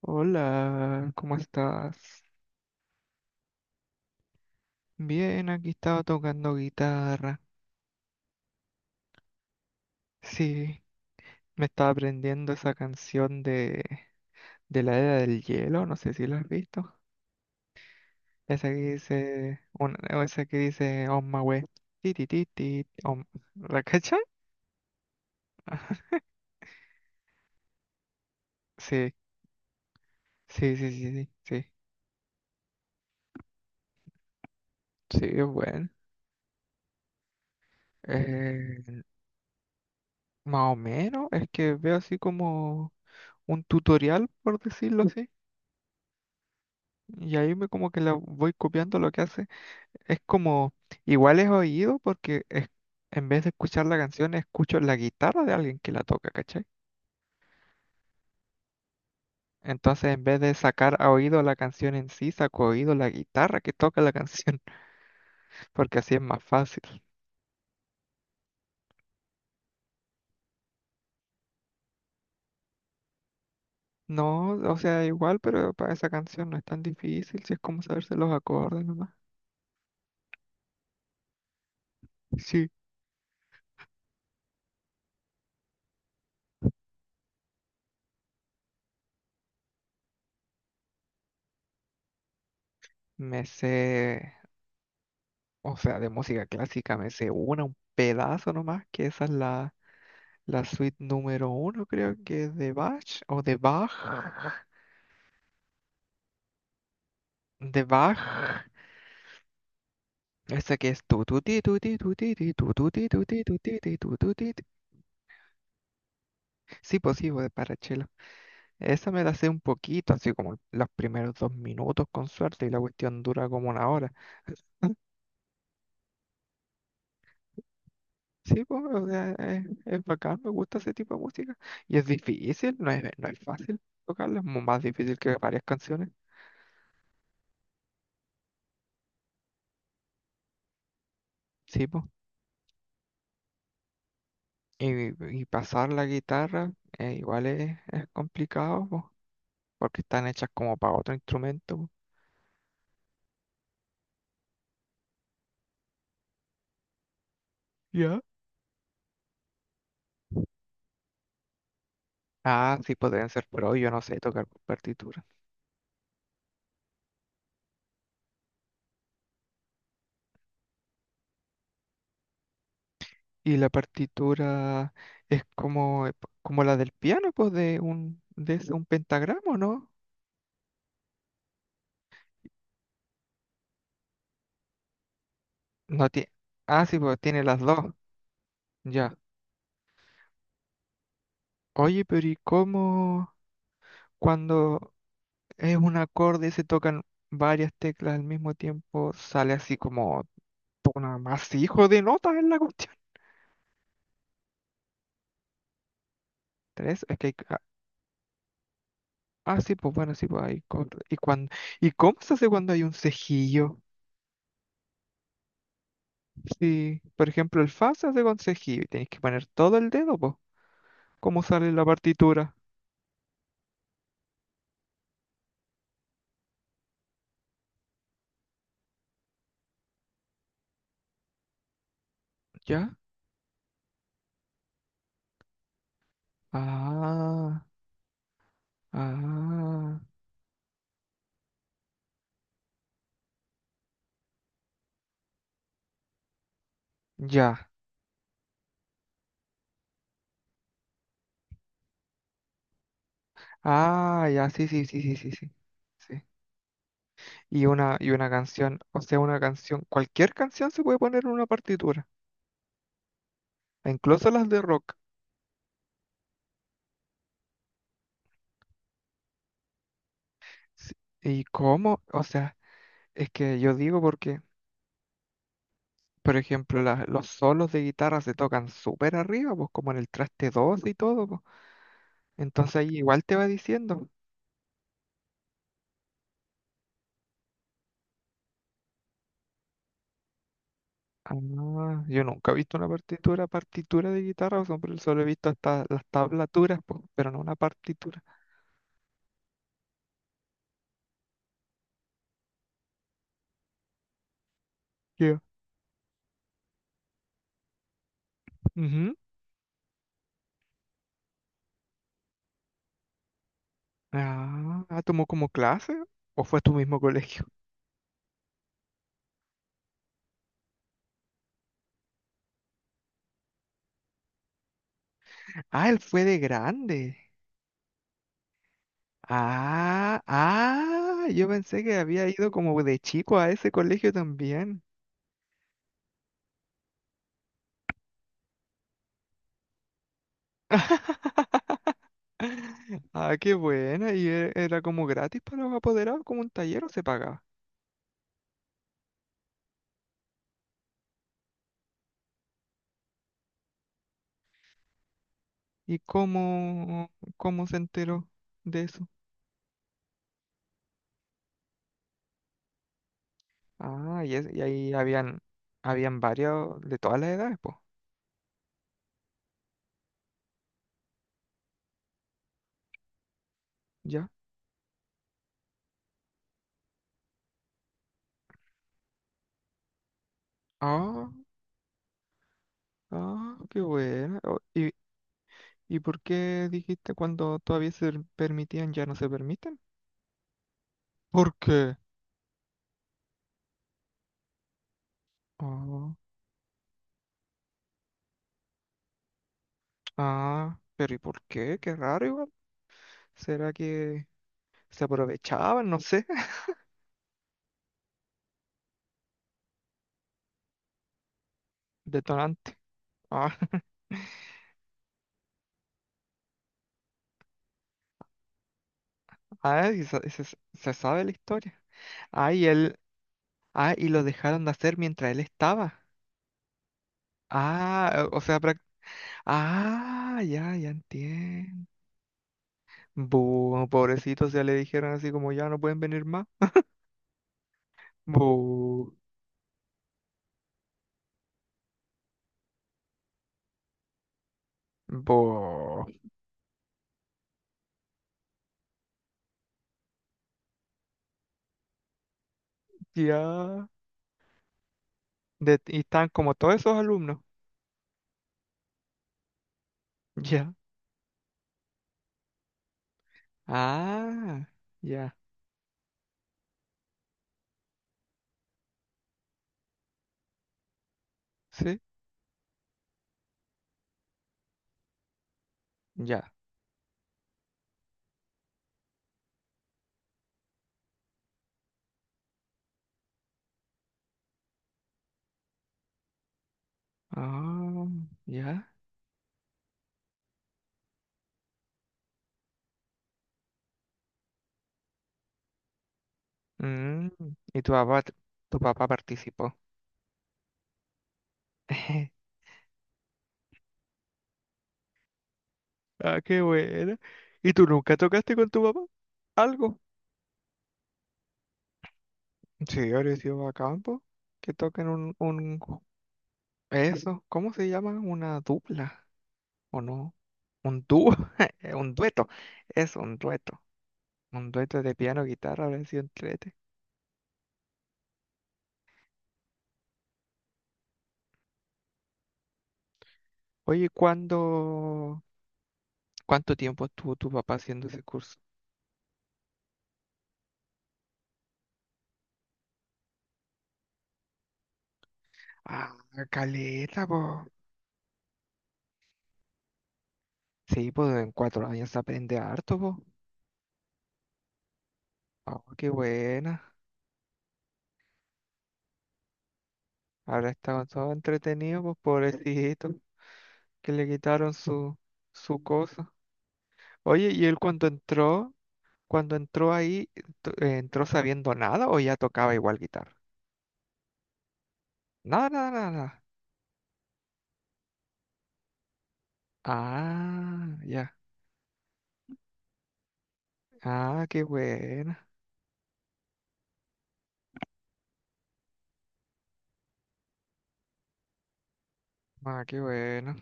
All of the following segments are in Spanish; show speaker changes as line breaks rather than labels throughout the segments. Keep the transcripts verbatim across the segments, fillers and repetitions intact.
Hola, ¿cómo estás? Bien, aquí estaba tocando guitarra. Sí, me estaba aprendiendo esa canción de, de la Era del Hielo, no sé si la has visto. Esa que dice, una, o esa que dice On my way. Ti, ti, ti, ti, on- ¿La cachai? Sí, sí, sí, sí, sí, sí, sí, es bueno. Eh, Más o menos, es que veo así como un tutorial, por decirlo así, y ahí me como que la voy copiando lo que hace. Es como, igual es oído porque es, en vez de escuchar la canción, escucho la guitarra de alguien que la toca, ¿cachai? Entonces, en vez de sacar a oído la canción en sí, saco a oído la guitarra que toca la canción, porque así es más fácil. No, o sea, igual, pero para esa canción no es tan difícil, si es como saberse los acordes nomás. Sí, me sé, o sea, de música clásica me sé una, un pedazo nomás, que esa es la, la suite número uno, creo que es de Bach o de Bach. De Bach. Esa que es tu tu ti tu ti tu ti ti tu tu ti tu ti tu ti ti tu tu ti ti. Sí, pues sí, pues, de Parachelo. Esa me la sé un poquito, así como los primeros dos minutos con suerte y la cuestión dura como una hora. Sí, pues, o sea, es, es bacán, me gusta ese tipo de música. Y es difícil, no es, no es fácil tocarla, es mu- más difícil que varias canciones. Sí, pues. Y, y pasar la guitarra eh, igual es, es complicado, pues, porque están hechas como para otro instrumento. Pues. Ah, sí podrían ser, pero yo no sé tocar por partitura. Y la partitura es como, eh, como la del piano, pues, de un, de ese- un pentagrama, ¿no? No tiene. Ah, sí, pues tiene las dos. Ya. Oye, pero ¿y cómo cuando es un acorde y se tocan varias teclas al mismo tiempo, sale así como un amasijo de notas en la cuestión? ¿Tres? Es que hay. Ah, ah, sí, pues bueno, sí, pues hay. co- ¿Y, cuando, ¿Y cómo se hace cuando hay un cejillo? Si, por ejemplo, el fa se hace con cejilla y tenéis que poner todo el dedo, pues, como sale en la partitura. ¿Ya? Ah, ah, ya. Ah, ya, sí, sí, sí, sí, sí, sí. Sí. Y una, y una canción, o sea, una canción, cualquier canción se puede poner en una partitura, e incluso las de rock. Sí, ¿y cómo? O sea, es que yo digo porque, por ejemplo, la- los solos de guitarra se tocan súper arriba, pues como en el traste doce y todo, pues. Entonces ahí igual te va diciendo. Ah, yo nunca he visto una partitura, partitura de guitarra, o sea, pero solo he visto hasta las tablaturas, po, pero no una partitura. Ya. Ujú. Ah, ah, ¿tomó como clase? ¿O fue a tu mismo colegio? Ah, él fue de grande. Ah, ah, yo pensé que había ido como de chico a ese colegio también. Ah, qué buena. Y e- era como gratis para los apoderados, como un taller o se pagaba. ¿Y cómo, cómo se enteró de eso? Ah, y, es- y ahí habían, habían varios de todas las edades, pues. Ya. Ah, ah, qué bueno. Oh, ¿y, y por qué dijiste cuando todavía se permitían, ya no se permiten? ¿Por qué? Ah, ah, pero ¿y por qué? Qué raro igual. ¿Será que se aprovechaban? No sé. Detonante. Ah, ah, y sa- se, se sabe la historia. Ah, y él, ah, y lo dejaron de hacer mientras él estaba. Ah, o o sea, prac- ah, ya, ya entiendo. Buh, pobrecitos, ya le dijeron así como ya no pueden venir más. Buh, buh, ya. De- y están como todos esos alumnos. Ya. Ah, ya. Sí, ya. Ah, ya. Mm, y tu papá, tu papá participó. Ah, qué buena. ¿Y tú nunca tocaste con tu papá? ¿Algo? Sí, ahora sido a campo. Que toquen un, un... Eso, ¿cómo se llama? Una dupla. ¿O no? Un dúo, un dueto, es un dueto, un dueto de piano, guitarra, habría sido entrete. Oye, ¿cuándo, ¿cuánto tiempo estuvo tu papá haciendo ese curso? Ah, caleta, po. Sí, pues en cuatro años se aprende harto, po. Ah, qué buena. Habrá estado todo entretenido, pues pobrecito, que le quitaron su, su cosa. Oye, ¿y él cuando entró, cuando entró ahí, to- eh, entró sabiendo nada o ya tocaba igual guitarra? Nada, nada, nada. Ah, ya. Ah, qué buena. Ah, qué bueno.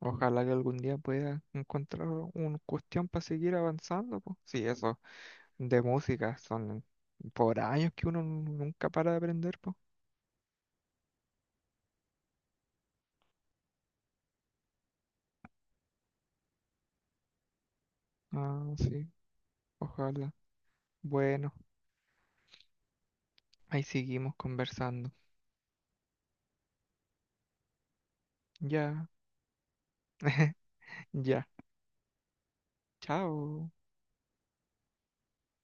Ojalá que algún día pueda encontrar una cuestión para seguir avanzando, pues. Sí, eso de música son por años que uno nunca para de aprender, pues. Ah, sí, ojalá. Bueno, ahí seguimos conversando. Ya, ya. Chao.